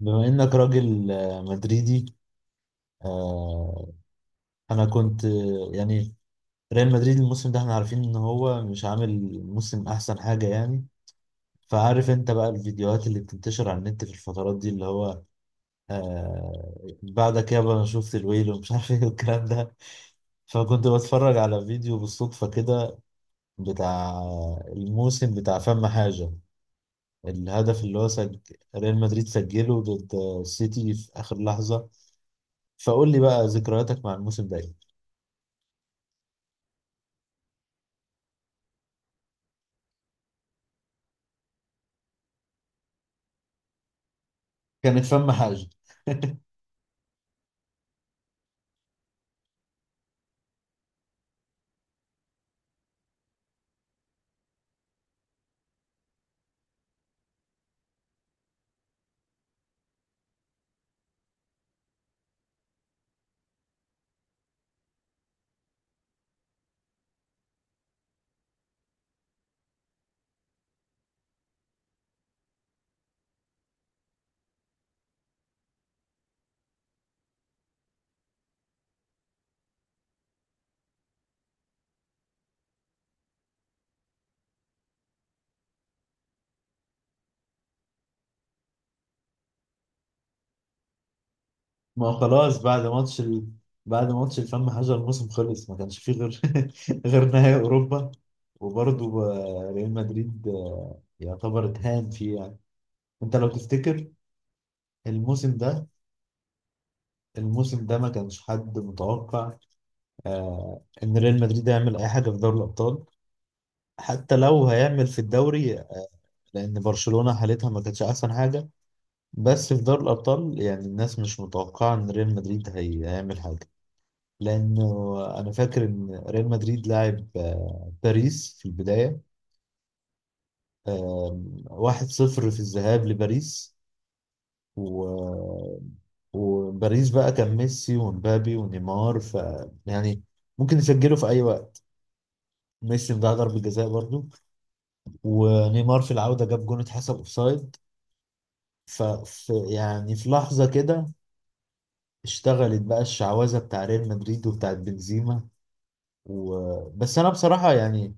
بما انك راجل مدريدي. آه، انا كنت، يعني ريال مدريد الموسم ده، احنا عارفين ان هو مش عامل موسم احسن حاجة يعني. فعارف انت بقى الفيديوهات اللي بتنتشر على النت في الفترات دي، اللي هو بعدك يابا انا شفت الويل ومش عارف ايه والكلام ده. فكنت بتفرج على فيديو بالصدفة كده، بتاع الموسم، بتاع فم حاجة. الهدف اللي هو ريال مدريد سجله ضد السيتي في آخر لحظة. فقول لي بقى ذكرياتك مع الموسم ده ايه؟ كانت فم حاجة. ما هو خلاص بعد ماتش الفم حاجة الموسم خلص، ما كانش فيه غير غير نهائي أوروبا. وبرضه ريال مدريد يعتبر اتهان فيه يعني. انت لو تفتكر الموسم ده الموسم ده ما كانش حد متوقع ان ريال مدريد يعمل اي حاجة في دوري الأبطال، حتى لو هيعمل في الدوري، لأن برشلونة حالتها ما كانتش أحسن حاجة. بس في دوري الأبطال، يعني الناس مش متوقعة إن ريال مدريد هيعمل حاجة، لأنه أنا فاكر إن ريال مدريد لعب باريس في البداية 1-0 في الذهاب لباريس. و... وباريس بقى كان ميسي ومبابي ونيمار، يعني ممكن يسجلوا في أي وقت. ميسي ضيع ضربة جزاء برضو. ونيمار في العودة جاب جون اتحسب أوفسايد. يعني في لحظة كده اشتغلت بقى الشعوذة بتاع ريال مدريد وبتاعت بنزيما. و... بس انا بصراحه يعني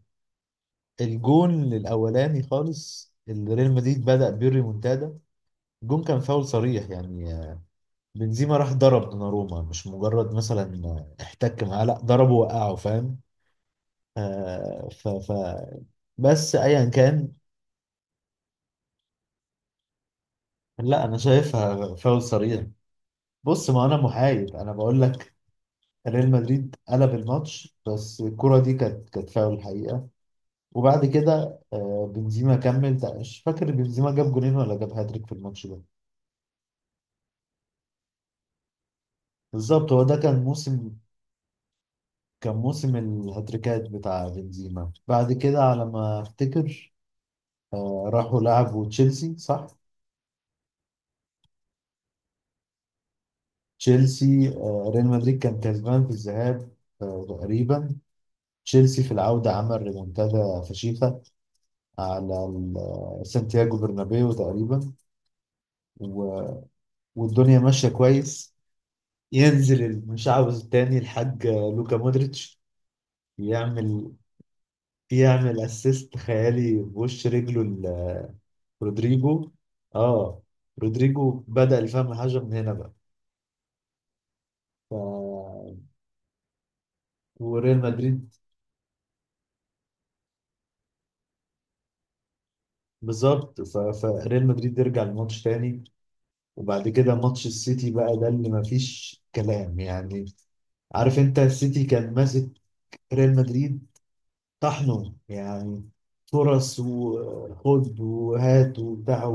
الجون الاولاني خالص اللي ريال مدريد بدأ بيه الريمونتادا، الجون كان فاول صريح يعني. بنزيما راح ضرب دوناروما، مش مجرد مثلا احتك معاه، لا، ضربه وقعه، فاهم؟ آه ف... ف بس ايا كان. لا، انا شايفها فاول صريح. بص، ما انا محايد، انا بقول لك. ريال مدريد قلب الماتش، بس الكرة دي كانت فاول الحقيقة. وبعد كده بنزيما كمل. مش فاكر بنزيما جاب جونين ولا جاب هاتريك في الماتش ده. بالظبط، هو ده كان موسم الهاتريكات بتاع بنزيما. بعد كده، على ما افتكر، راحوا لعبوا تشيلسي، صح. تشيلسي، ريال مدريد كان كسبان في الذهاب تقريبا. تشيلسي في العودة عمل ريمونتادا فشيخة على سانتياغو برنابيو تقريبا. و- والدنيا ماشية كويس. ينزل المشعوذ التاني، الحاج لوكا مودريتش، يعمل يعمل اسيست خيالي بوش رجله رودريجو. اه. رودريجو بدأ الفهم الحاجة من هنا بقى. ف... وريال مدريد، بالظبط. فريال مدريد يرجع الماتش تاني. وبعد كده ماتش السيتي بقى، ده اللي مفيش كلام يعني. عارف انت السيتي كان ماسك ريال مدريد، طحنه يعني. فرص وخد وهات وبتاع،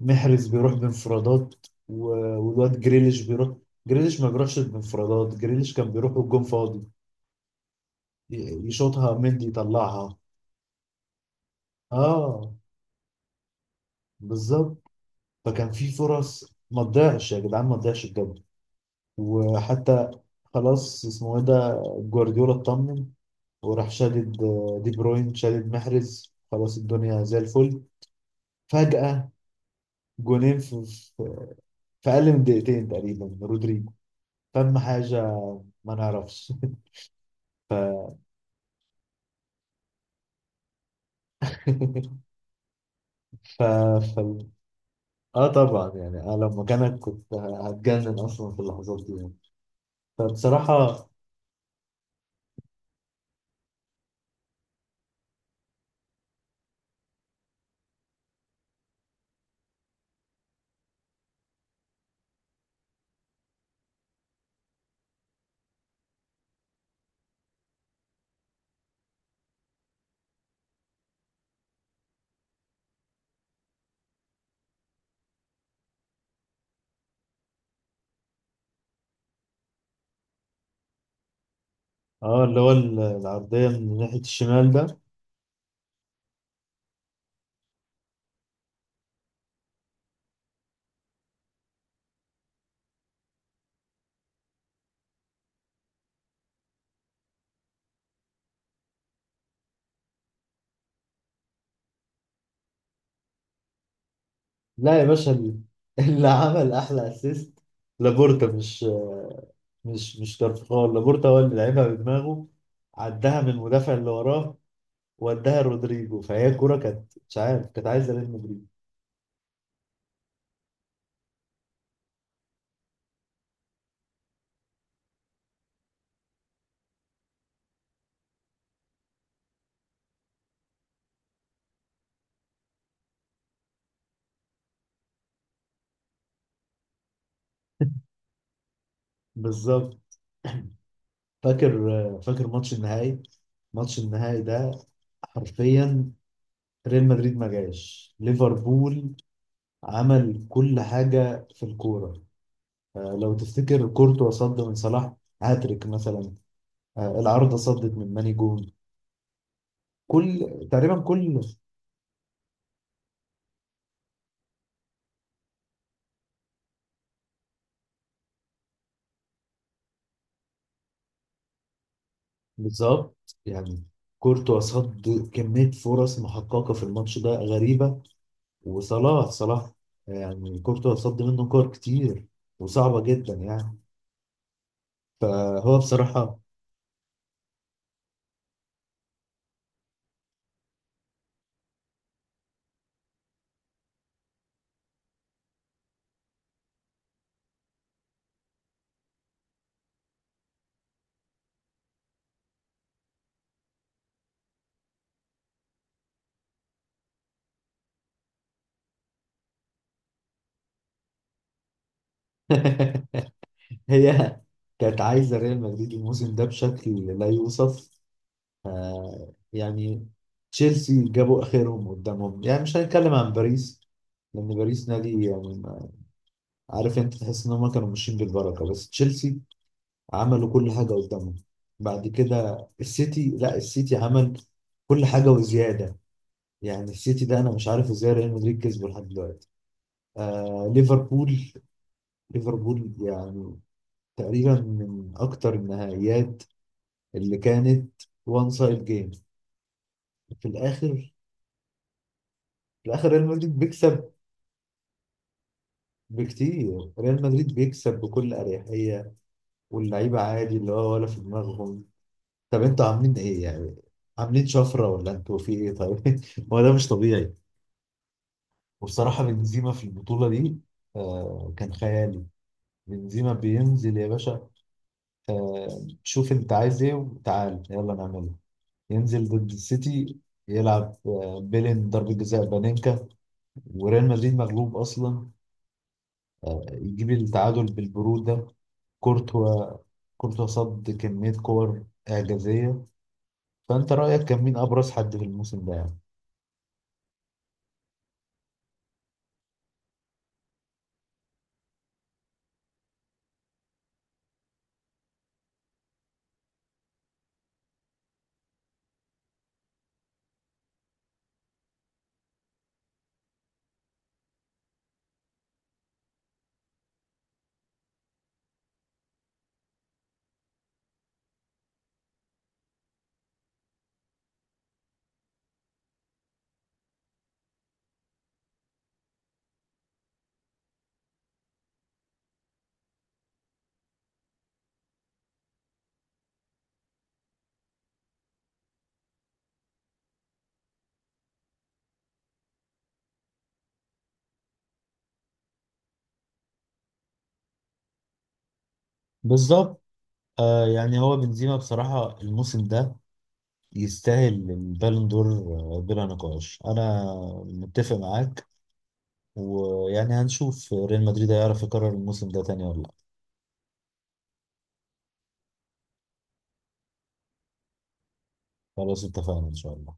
ومحرز بيروح بانفرادات. و- والواد جريليش بيروح. جريليش ما بيروحش بانفرادات، جريليش كان بيروح والجون فاضي، يشوطها مندي يطلعها. اه، بالظبط. فكان في فرص، ما تضيعش يا جدعان، ما تضيعش بجد. وحتى خلاص، اسمه ايه ده، جوارديولا، اطمن، وراح شادد دي بروين، شادد محرز، خلاص الدنيا زي الفل. فجأة جونين في اقل من دقيقتين تقريبا من رودريجو. فاهم حاجه؟ ما نعرفش. ف... ف... اه، طبعا يعني انا لو مكانك كنت هتجنن اصلا في اللحظات دي يعني. فبصراحه، اه، اللي هو العرضيه من ناحيه الشمال ده. لا يا باشا، اللي عمل احلى اسيست لابورتا، مش كارفخال، لابورتا هو اللي لعبها بدماغه. عدها من المدافع اللي وراه، وداها رودريجو، فهي الكوره كانت، مش عارف، كانت عايزه ريال مدريد. بالظبط. فاكر، فاكر ماتش النهائي ماتش النهائي ده حرفيا. ريال مدريد ما جاش ليفربول، عمل كل حاجة في الكورة. لو تفتكر كورتوا صد من صلاح هاتريك مثلا. العارضة صدت من ماني جون. كل تقريبا، كل، بالظبط يعني كورتوا صد كمية فرص محققة في الماتش ده غريبة. وصلاح، يعني كورتوا صد منه كور كتير وصعبة جدا يعني. فهو بصراحة. هي كانت عايزة ريال مدريد الموسم ده بشكل لا يوصف، آه يعني. تشيلسي جابوا آخرهم قدامهم يعني، مش هنتكلم عن باريس لأن باريس نادي يعني. عارف أنت، تحس إن هم كانوا ماشيين بالبركة. بس تشيلسي عملوا كل حاجة قدامهم. بعد كده السيتي، لا، السيتي عمل كل حاجة وزيادة. يعني السيتي ده أنا مش عارف إزاي ريال مدريد كسبه لحد دلوقتي. آه، ليفربول يعني تقريبا من أكتر النهائيات اللي كانت وان سايد جيم. في الاخر في الاخر ريال مدريد بيكسب بكتير. ريال مدريد بيكسب بكل اريحيه، واللعيبه عادي، اللي هو ولا في دماغهم. طب انتوا عاملين ايه يعني؟ عاملين شفره ولا انتوا في ايه طيب؟ هو ده مش طبيعي. وبصراحه بنزيما في البطوله دي، آه، كان خيالي. بنزيما بينزل يا باشا، شوف انت عايز ايه وتعال يلا نعمله. ينزل ضد السيتي، يلعب بيلين ضربة جزاء بانينكا وريال مدريد مغلوب اصلا، يجيب التعادل بالبرود ده. كورتوا كورتوا صد كمية كور اعجازية. فانت رأيك كان مين ابرز حد في الموسم ده يعني؟ بالظبط. آه، يعني هو بنزيما بصراحة الموسم ده يستاهل البالون دور، بلا نقاش. أنا متفق معاك. ويعني هنشوف ريال مدريد هيعرف يكرر الموسم ده تاني ولا لأ. خلاص اتفقنا إن شاء الله.